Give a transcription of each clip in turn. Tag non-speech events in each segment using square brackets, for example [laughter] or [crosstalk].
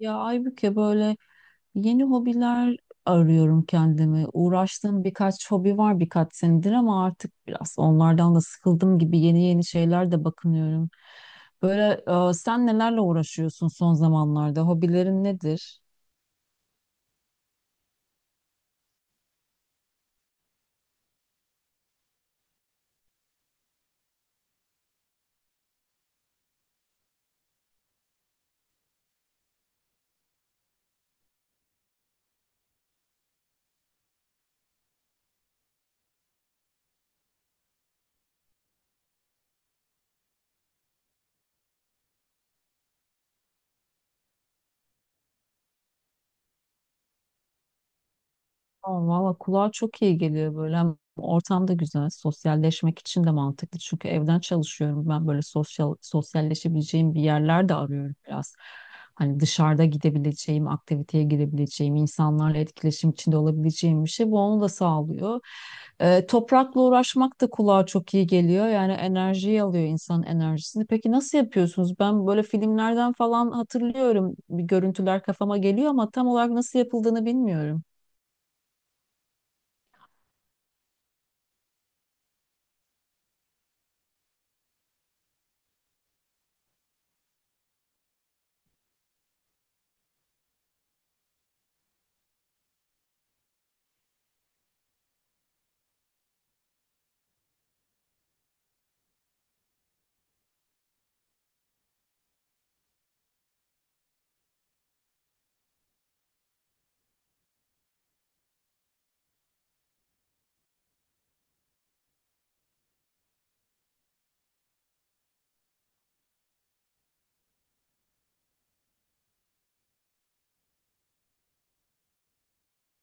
Ya Aybüke böyle yeni hobiler arıyorum kendime. Uğraştığım birkaç hobi var birkaç senedir ama artık biraz onlardan da sıkıldım gibi yeni yeni şeyler de bakınıyorum. Böyle sen nelerle uğraşıyorsun son zamanlarda? Hobilerin nedir? Valla kulağa çok iyi geliyor böyle. Hem ortam da güzel. Sosyalleşmek için de mantıklı. Çünkü evden çalışıyorum. Ben böyle sosyalleşebileceğim bir yerler de arıyorum biraz. Hani dışarıda gidebileceğim, aktiviteye girebileceğim, insanlarla etkileşim içinde olabileceğim bir şey. Bu onu da sağlıyor. Toprakla uğraşmak da kulağa çok iyi geliyor. Yani enerjiyi alıyor insanın enerjisini. Peki nasıl yapıyorsunuz? Ben böyle filmlerden falan hatırlıyorum. Bir görüntüler kafama geliyor ama tam olarak nasıl yapıldığını bilmiyorum.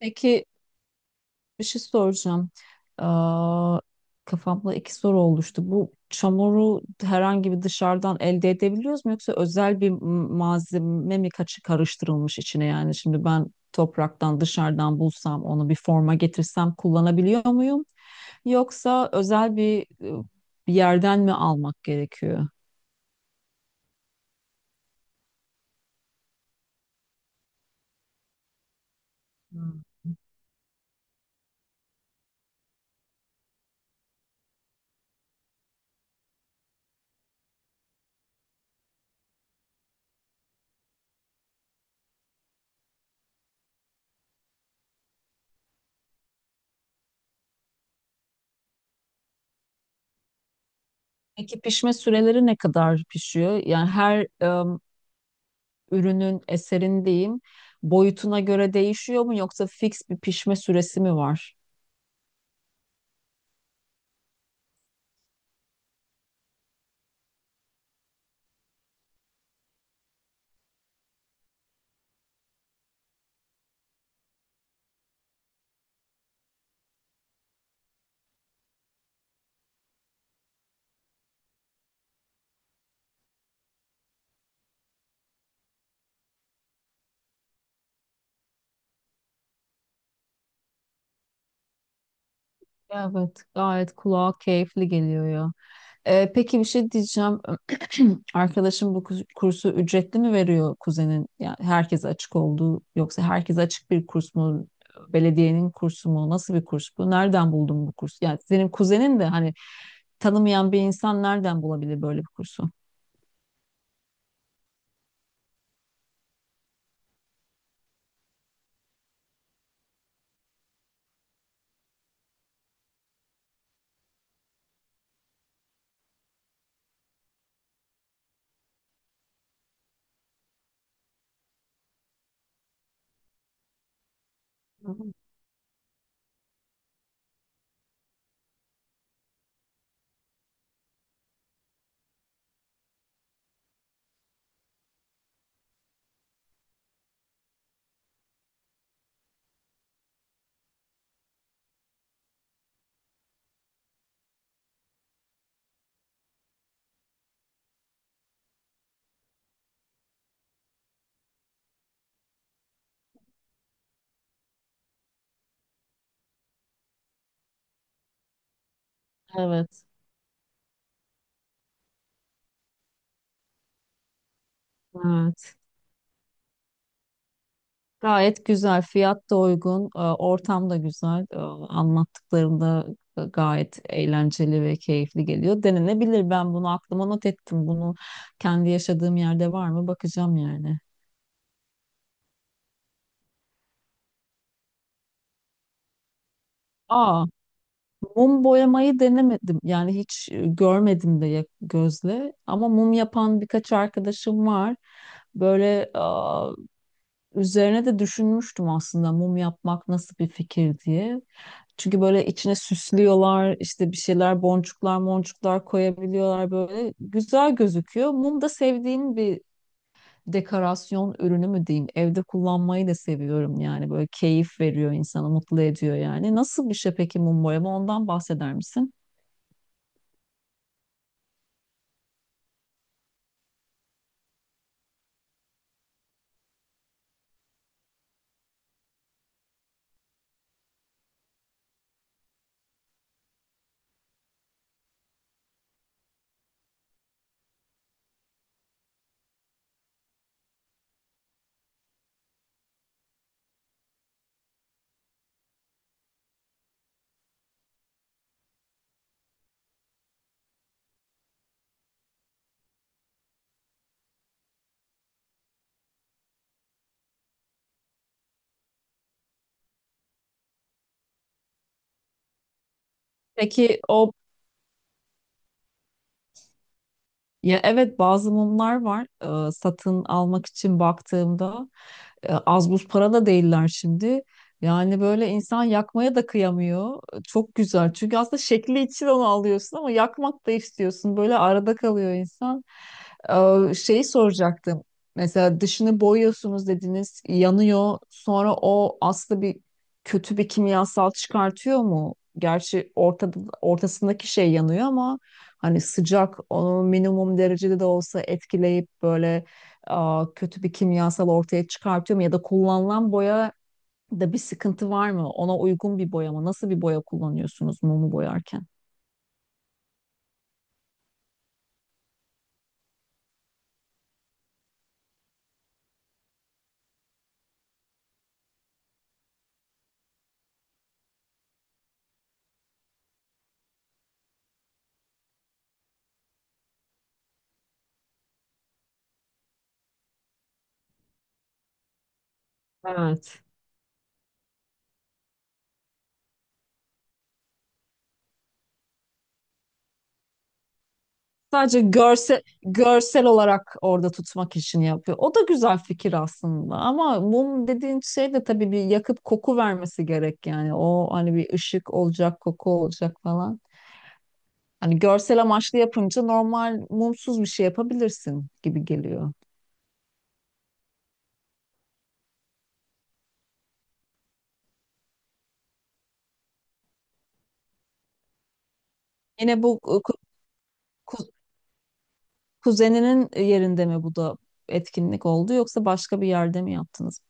Peki, bir şey soracağım. Aa, Kafamda iki soru oluştu. Bu çamuru herhangi bir dışarıdan elde edebiliyoruz mu yoksa özel bir malzeme mi kaçı karıştırılmış içine, yani şimdi ben topraktan dışarıdan bulsam onu bir forma getirsem kullanabiliyor muyum? Yoksa özel bir, bir yerden mi almak gerekiyor? Hmm. Peki pişme süreleri ne kadar pişiyor? Yani her ürünün, eserin diyeyim, boyutuna göre değişiyor mu yoksa fix bir pişme süresi mi var? Evet, gayet kulağa keyifli geliyor ya. Peki bir şey diyeceğim. [clears throat] Arkadaşım bu kursu ücretli mi veriyor kuzenin? Yani herkese açık olduğu yoksa herkese açık bir kurs mu? Belediyenin kursu mu? Nasıl bir kurs bu? Nereden buldun bu kursu? Yani senin kuzenin de hani tanımayan bir insan nereden bulabilir böyle bir kursu? Hı hı. Evet. Evet. Gayet güzel, fiyat da uygun, ortam da güzel. Anlattıklarında gayet eğlenceli ve keyifli geliyor. Denenebilir. Ben bunu aklıma not ettim. Bunu kendi yaşadığım yerde var mı bakacağım yani. Aa, Mum boyamayı denemedim. Yani hiç görmedim de gözle. Ama mum yapan birkaç arkadaşım var. Böyle üzerine de düşünmüştüm aslında mum yapmak nasıl bir fikir diye. Çünkü böyle içine süslüyorlar, işte bir şeyler, boncuklar, moncuklar koyabiliyorlar böyle. Güzel gözüküyor. Mum da sevdiğim bir dekorasyon ürünü mü diyeyim. Evde kullanmayı da seviyorum yani. Böyle keyif veriyor insanı, mutlu ediyor yani. Nasıl bir şey peki mum boyama? Ondan bahseder misin? Peki o, ya evet bazı mumlar var. Satın almak için baktığımda az buz para da değiller şimdi. Yani böyle insan yakmaya da kıyamıyor. E, çok güzel. Çünkü aslında şekli için onu alıyorsun ama yakmak da istiyorsun. Böyle arada kalıyor insan. Şeyi soracaktım. Mesela dışını boyuyorsunuz dediniz, yanıyor. Sonra o aslında kötü bir kimyasal çıkartıyor mu? Gerçi ortasındaki şey yanıyor ama hani sıcak onu minimum derecede de olsa etkileyip böyle kötü bir kimyasal ortaya çıkartıyor mu? Ya da kullanılan boya da bir sıkıntı var mı? Ona uygun bir boya mı? Nasıl bir boya kullanıyorsunuz mumu boyarken? Evet. Sadece görsel olarak orada tutmak için yapıyor. O da güzel fikir aslında ama mum dediğin şey de tabii bir yakıp koku vermesi gerek yani. O hani bir ışık olacak, koku olacak falan. Hani görsel amaçlı yapınca normal mumsuz bir şey yapabilirsin gibi geliyor. Yine bu ku- kuzeninin yerinde mi bu da etkinlik oldu yoksa başka bir yerde mi yaptınız?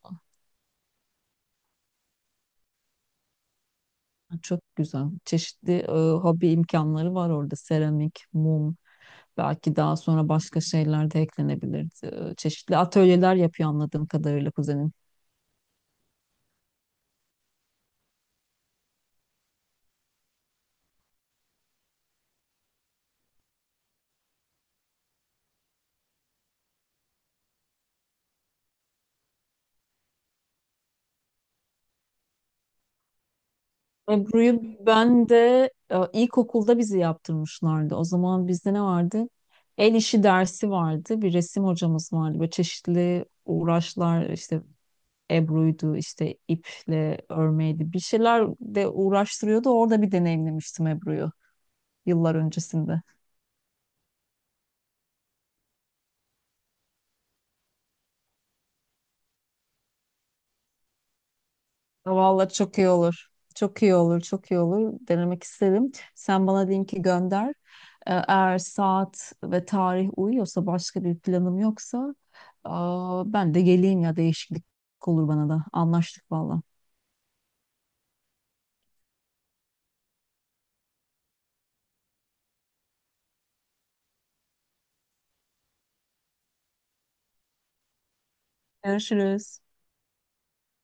Çok güzel. Çeşitli hobi imkanları var orada. Seramik, mum. Belki daha sonra başka şeyler de eklenebilirdi. Çeşitli atölyeler yapıyor anladığım kadarıyla kuzenim. Ebru'yu ben de ilkokulda bizi yaptırmışlardı. O zaman bizde ne vardı? El işi dersi vardı. Bir resim hocamız vardı. Böyle çeşitli uğraşlar işte Ebru'ydu işte iple örmeydi. Bir şeyler de uğraştırıyordu. Orada bir deneyimlemiştim Ebru'yu, yıllar öncesinde. Vallahi çok iyi olur. Çok iyi olur, çok iyi olur. Denemek isterim. Sen bana linki gönder. Eğer saat ve tarih uyuyorsa, başka bir planım yoksa, ben de geleyim, ya değişiklik olur bana da. Anlaştık valla. Görüşürüz.